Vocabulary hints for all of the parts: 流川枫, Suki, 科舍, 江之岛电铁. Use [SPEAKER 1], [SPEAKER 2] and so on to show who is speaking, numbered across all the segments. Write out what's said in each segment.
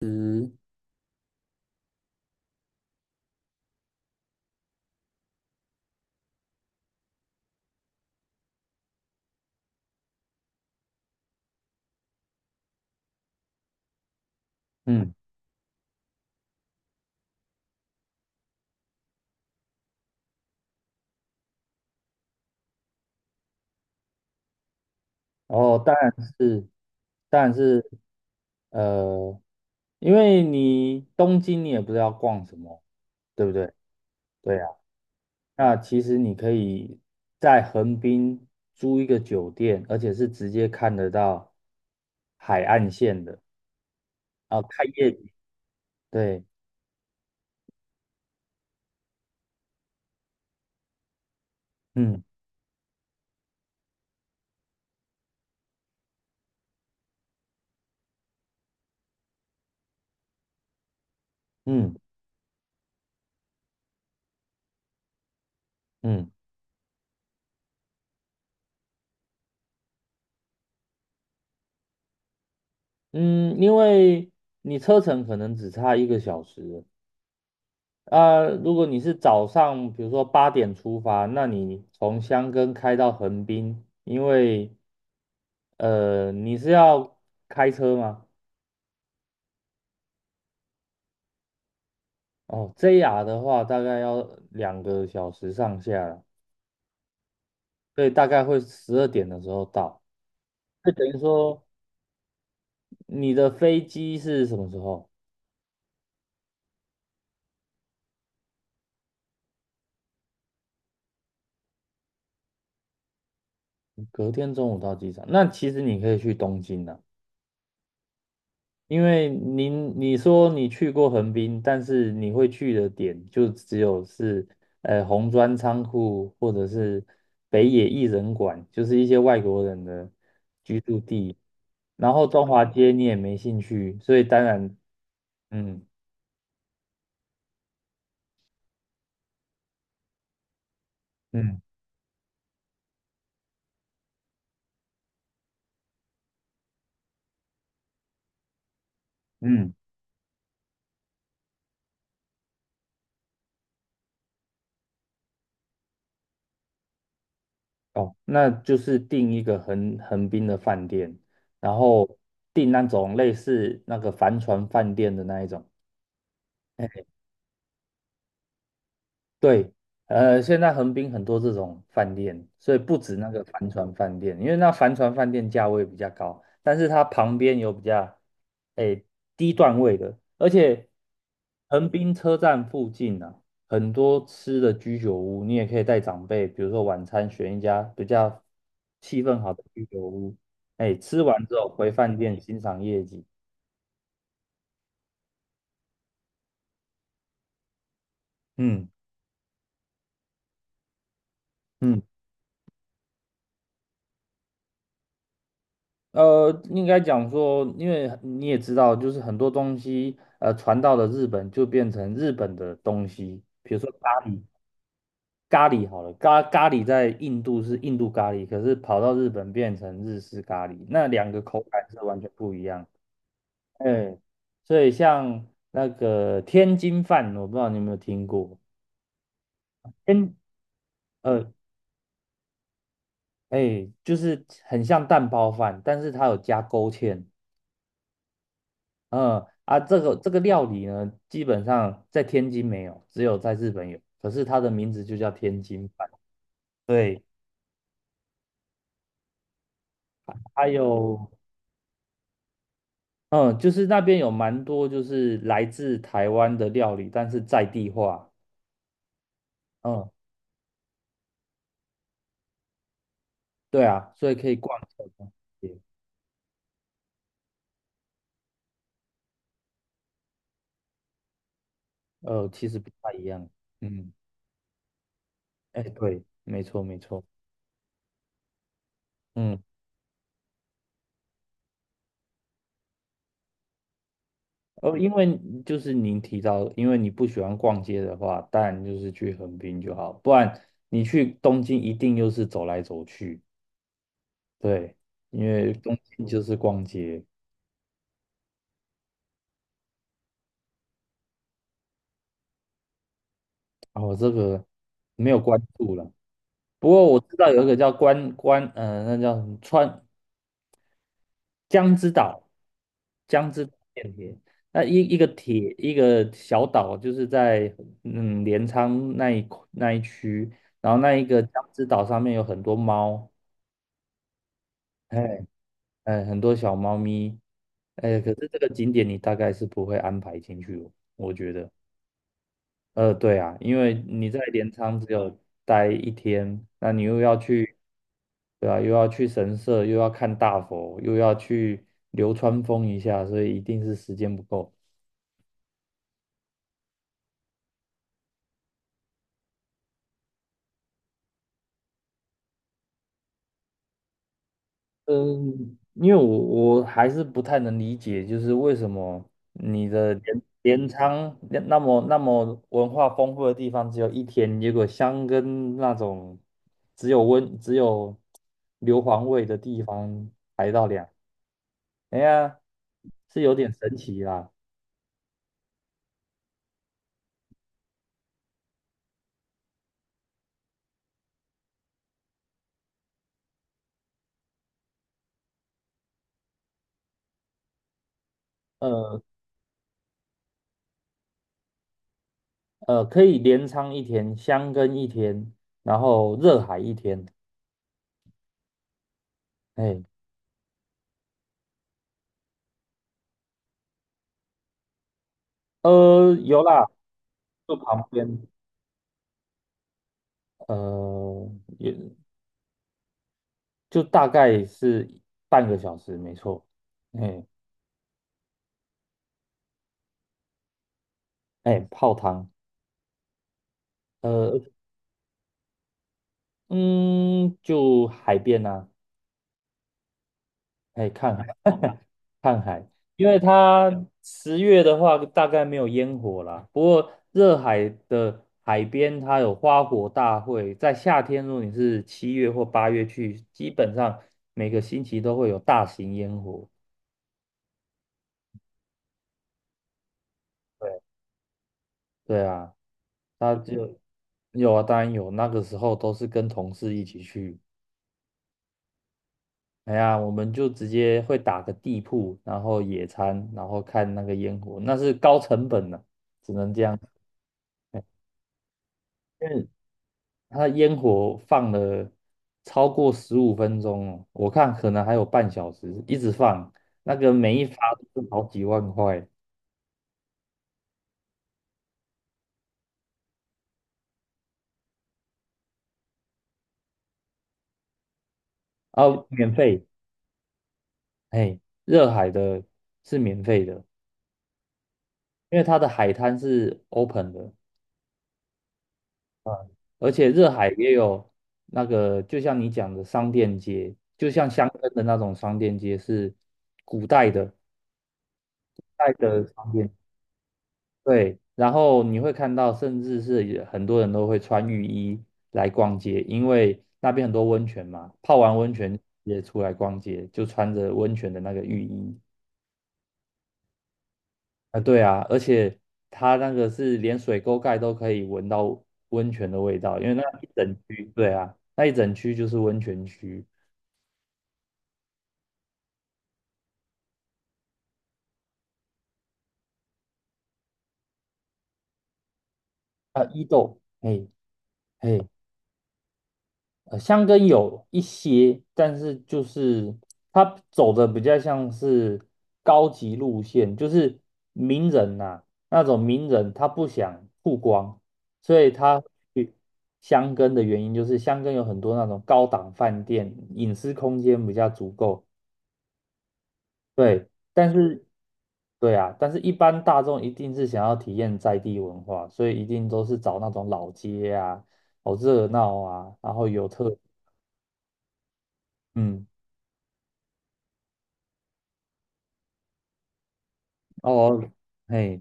[SPEAKER 1] 嗯。嗯。然后当然是，当然是，呃，因为你东京你也不知道逛什么，对不对？对啊，那其实你可以在横滨租一个酒店，而且是直接看得到海岸线的，啊，看夜景。对。嗯嗯嗯嗯，因为你车程可能只差一个小时。啊，如果你是早上，比如说八点出发，那你从箱根开到横滨，你是要开车吗？哦，JR 的话大概要两个小时上下。对，所以大概会十二点的时候到。就等于说你的飞机是什么时候？隔天中午到机场，那其实你可以去东京啊。因为你说你去过横滨，但是你会去的点就只有是红砖仓库或者是北野艺人馆，就是一些外国人的居住地。然后中华街你也没兴趣，所以当然，嗯嗯嗯，哦，那就是订一个横滨的饭店，然后订那种类似那个帆船饭店的那一种。对。呃，现在横滨很多这种饭店，所以不止那个帆船饭店，因为那帆船饭店价位比较高，但是它旁边有比较，诶，低段位的。而且横滨车站附近啊，很多吃的居酒屋，你也可以带长辈，比如说晚餐选一家比较气氛好的居酒屋，哎，吃完之后回饭店欣赏夜景。嗯嗯应该讲说，因为你也知道，就是很多东西，传到了日本就变成日本的东西，比如说咖喱，咖喱好了，咖喱在印度是印度咖喱，可是跑到日本变成日式咖喱，那两个口感是完全不一样。哎，所以像那个天津饭，我不知道你有没有听过。天，呃，就是很像蛋包饭，但是它有加勾芡。嗯。啊，这个料理呢，基本上在天津没有，只有在日本有。可是它的名字就叫天津饭。对。还有，嗯，就是那边有蛮多就是来自台湾的料理，但是在地化。嗯，对啊，所以可以逛一下。呃，其实不太一样。嗯。哎，对，没错没错。嗯。哦，因为就是您提到，因为你不喜欢逛街的话，当然就是去横滨就好，不然你去东京一定又是走来走去。对，因为东京就是逛街。哦，我这个没有关注了，不过我知道有一个叫关关，呃，那叫什么川江之岛，江之岛电铁，那一个铁一个小岛，就是在镰仓那一区，然后那一个江之岛上面有很多猫。哎很多小猫咪。呃，可是这个景点你大概是不会安排进去，我觉得。呃，对啊，因为你在镰仓只有待一天，那你又要去，对啊，又要去神社，又要看大佛，又要去流川枫一下，所以一定是时间不够。嗯，因为我还是不太能理解，就是为什么你的镰仓那那么文化丰富的地方只有一天，结果箱根那种只有硫磺味的地方排到两，哎呀，是有点神奇啦。呃可以镰仓一天，箱根一天，然后热海一天。哎，呃，有啦，就旁边。呃，也就大概是半个小时，没错。哎哎，泡汤。呃嗯，就海边啊，哎看海，看海，因为它十月的话大概没有烟火啦，不过热海的海边它有花火大会，在夏天如果你是七月或八月去，基本上每个星期都会有大型烟火。对对啊。它就有啊，当然有，那个时候都是跟同事一起去。哎呀，我们就直接会打个地铺，然后野餐，然后看那个烟火，那是高成本的，只能这样，因为它烟火放了超过十五分钟哦，我看可能还有半小时，一直放，那个每一发都是好几万块。然后免费，哎，热海的是免费的，因为它的海滩是 open 的。嗯，而且热海也有那个，就像你讲的商店街，就像香根的那种商店街是古代的，代的商店。对。然后你会看到，甚至是也很多人都会穿浴衣来逛街，因为那边很多温泉嘛，泡完温泉也出来逛街，就穿着温泉的那个浴衣。啊，对啊，而且它那个是连水沟盖都可以闻到温泉的味道，因为那一整区，对啊，那一整区就是温泉区。啊，伊豆。嘿。嘿。呃，箱根有一些，但是就是它走的比较像是高级路线，就是名人呐、那种名人他不想曝光，所以他去箱根的原因就是箱根有很多那种高档饭店，隐私空间比较足够。对。但是对啊，但是一般大众一定是想要体验在地文化，所以一定都是找那种老街啊，好热闹啊，然后有特，嗯。哦。嘿。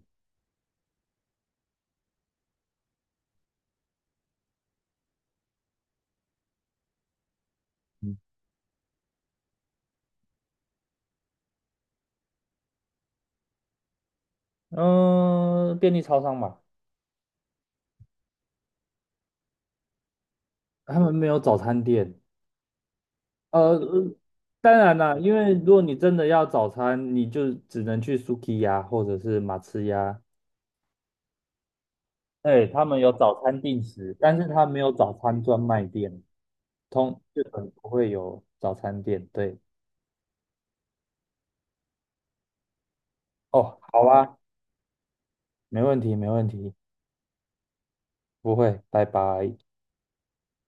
[SPEAKER 1] 嗯。呃，便利超商嘛，他们没有早餐店。呃，当然啦，因为如果你真的要早餐，你就只能去 Suki 呀，或者是马吃呀，对，他们有早餐定时，但是他没有早餐专卖店，通日本不会有早餐店。对。哦，好啊。没问题，没问题。不会，拜拜。